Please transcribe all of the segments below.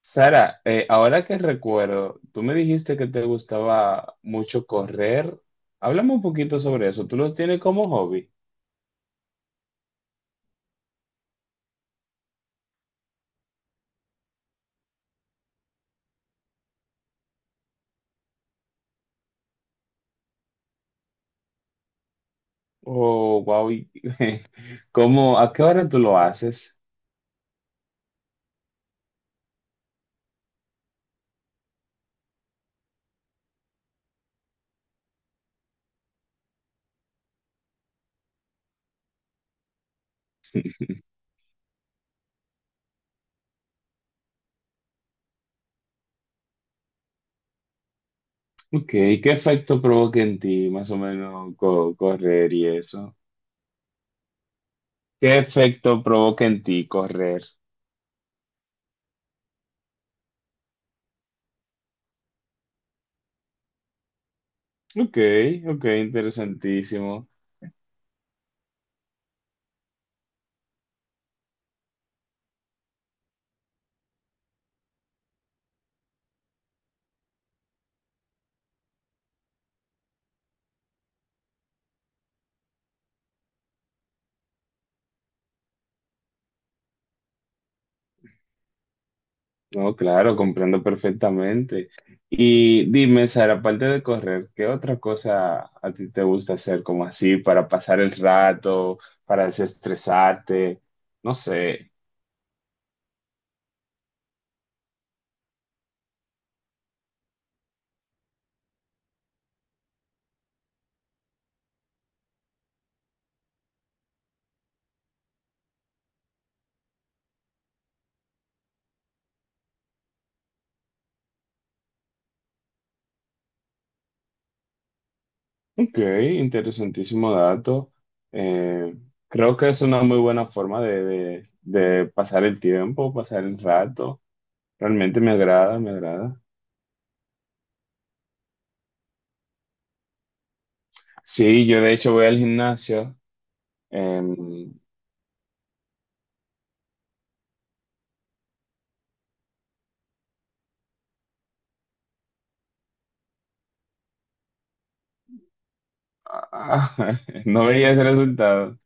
Sara, ahora que recuerdo, tú me dijiste que te gustaba mucho correr. Háblame un poquito sobre eso. ¿Tú lo tienes como hobby? Oh, wow. ¿Cómo, a qué hora tú lo haces? Ok, ¿qué efecto provoca en ti más o menos correr y eso? ¿Qué efecto provoca en ti correr? Ok, ok, interesantísimo. No, claro, comprendo perfectamente. Y dime, Sara, aparte de correr, ¿qué otra cosa a ti te gusta hacer como así para pasar el rato, para desestresarte? No sé. Ok, interesantísimo dato. Eh, creo que es una muy buena forma de pasar el tiempo, pasar el rato. Realmente me agrada, me agrada. Sí, yo de hecho voy al gimnasio. em, no veía ese resultado.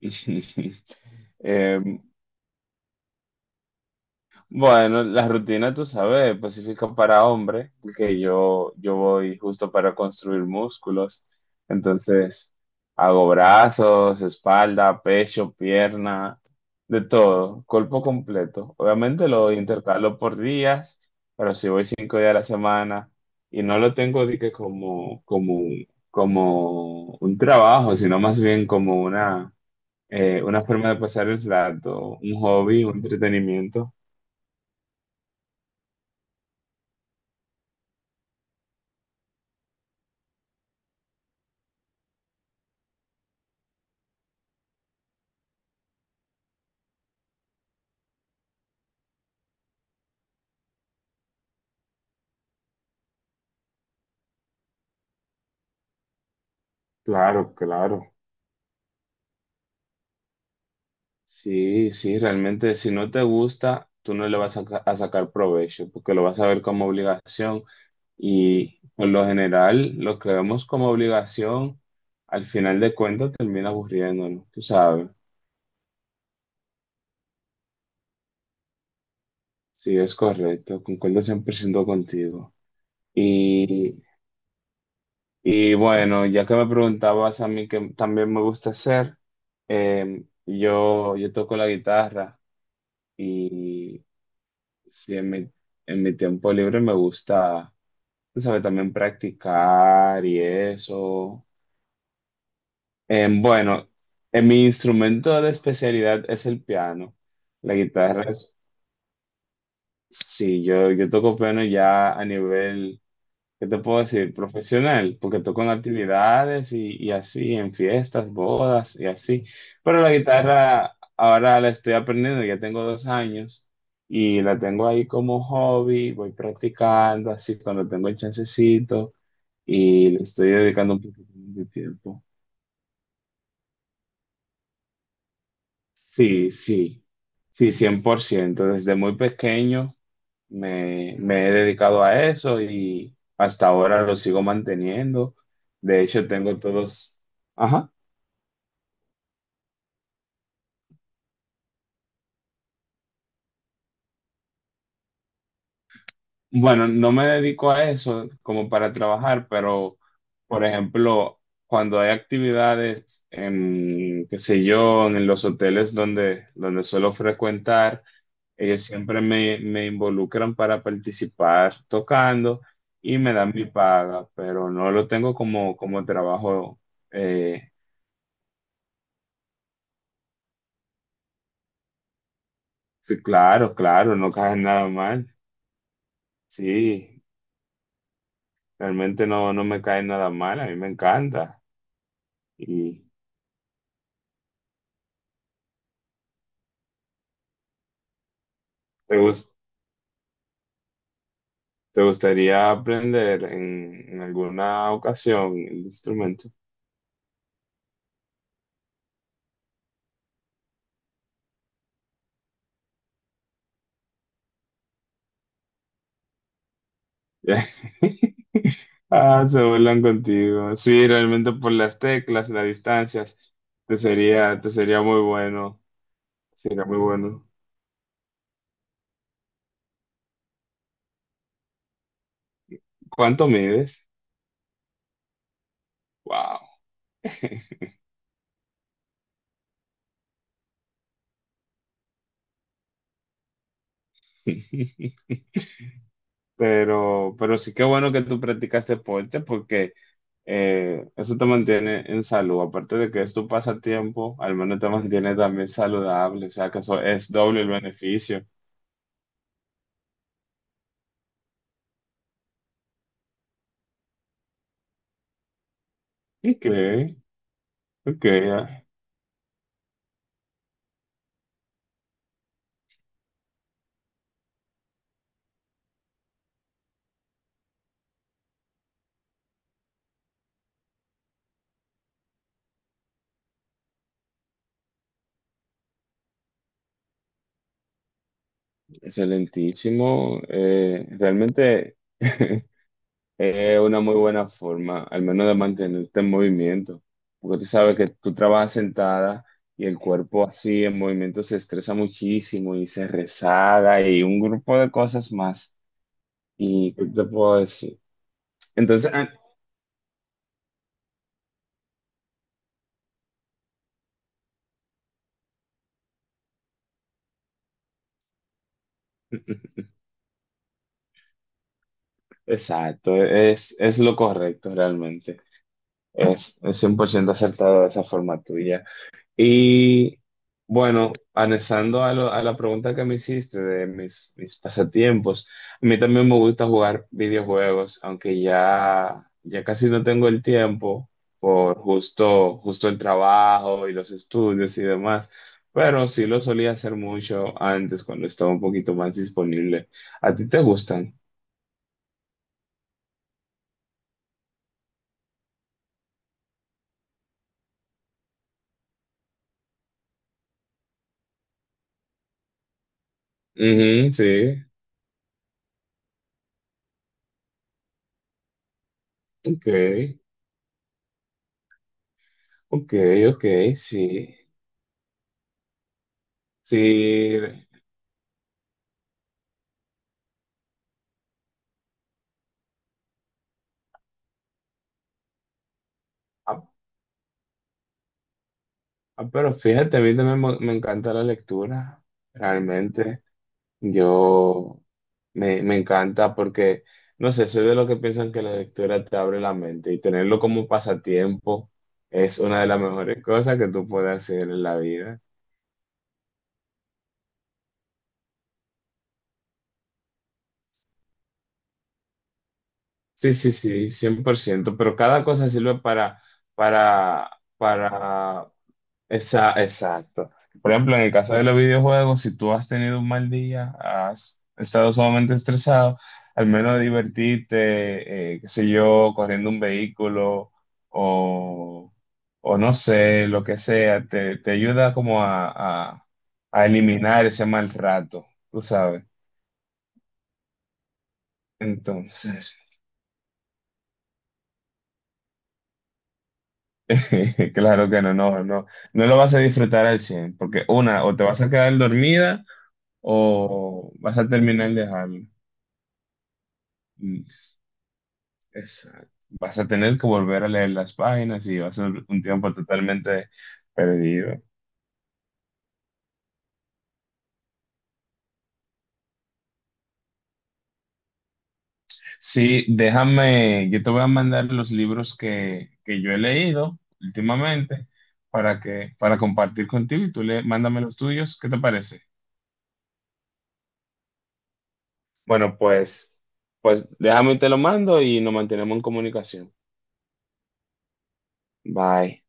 Eh, bueno, la rutina, tú sabes, Pacífico para hombre, porque yo voy justo para construir músculos. Entonces, hago brazos, espalda, pecho, pierna, de todo, cuerpo completo. Obviamente lo intercalo por días, pero si voy cinco días a la semana y no lo tengo de que como un trabajo, sino más bien como una forma de pasar el rato, un hobby, un entretenimiento. Claro, claro. Sí, sí, realmente si no te gusta, tú no le vas a, a sacar provecho, porque lo vas a ver como obligación y por lo general lo que vemos como obligación, al final de cuentas termina aburriéndonos, tú sabes. Sí, es correcto, concuerdo 100% contigo. Y Y bueno, ya que me preguntabas a mí que también me gusta hacer, yo toco la guitarra y sí, en mi tiempo libre me gusta, tú sabes, también practicar y eso. Bueno, en mi instrumento de especialidad es el piano. La guitarra es, sí, yo toco piano ya a nivel. ¿Qué te puedo decir? Profesional, porque toco en actividades y así, en fiestas, bodas y así. Pero la guitarra ahora la estoy aprendiendo, ya tengo dos años y la tengo ahí como hobby, voy practicando así cuando tengo el chancecito y le estoy dedicando un poquito de tiempo. Sí, sí, sí, 100%. Desde muy pequeño. Me he dedicado a eso y hasta ahora lo sigo manteniendo. De hecho, tengo todos... Ajá. Bueno, no me dedico a eso como para trabajar, pero, por ejemplo, cuando hay actividades en, qué sé yo, en los hoteles donde, donde suelo frecuentar, ellos siempre me involucran para participar tocando y me dan mi paga, pero no lo tengo como trabajo. eh, Sí, claro, claro, no cae nada mal. Sí, realmente no me cae nada mal, a mí me encanta. ¿Y te gus- te gustaría aprender en alguna ocasión el instrumento? Ah, se burlan contigo. Sí, realmente por las teclas, las distancias, te sería muy bueno. Sería muy bueno. ¿Cuánto mides? Wow. Pero sí que bueno que tú practicas deporte porque eso te mantiene en salud. Aparte de que es tu pasatiempo, al menos te mantiene también saludable. O sea, que eso es doble el beneficio. Ok, ok, ah, excelentísimo. Realmente es una muy buena forma, al menos de mantenerte en movimiento. Porque tú sabes que tú trabajas sentada y el cuerpo así en movimiento se estresa muchísimo y se rezaga y un grupo de cosas más. ¿Y qué te puedo decir? Entonces, ah, Exacto, es lo correcto realmente. Es 100% acertado de esa forma tuya. Y bueno, anexando a, a la pregunta que me hiciste de mis pasatiempos, a mí también me gusta jugar videojuegos, aunque ya casi no tengo el tiempo por justo el trabajo y los estudios y demás, pero sí lo solía hacer mucho antes cuando estaba un poquito más disponible. ¿A ti te gustan? Ujú, sí. Ok, ok, ok, sí, sí, ah, ah, pero fíjate, a mí también me encanta la lectura, realmente, yo me encanta porque, no sé, soy de los que piensan que la lectura te abre la mente y tenerlo como pasatiempo es una de las mejores cosas que tú puedes hacer en la vida. Sí, sí, sí, 100%, pero cada cosa sirve para, para. Exacto. Por ejemplo, en el caso de los videojuegos, si tú has tenido un mal día, has estado sumamente estresado, al menos divertirte, qué sé yo, corriendo un vehículo o, o no sé, lo que sea, te ayuda como a, a eliminar ese mal rato, tú sabes. Entonces, claro que no, no, no, no lo vas a disfrutar al 100, porque una, o te vas a quedar dormida o vas a terminar de dejarlo. Mm, exacto. Vas a tener que volver a leer las páginas y va a ser un tiempo totalmente perdido. Sí, déjame, yo te voy a mandar los libros que yo he leído últimamente para que, para compartir contigo y tú le, mándame los tuyos. ¿Qué te parece? Bueno, pues, pues déjame y te lo mando y nos mantenemos en comunicación. Bye.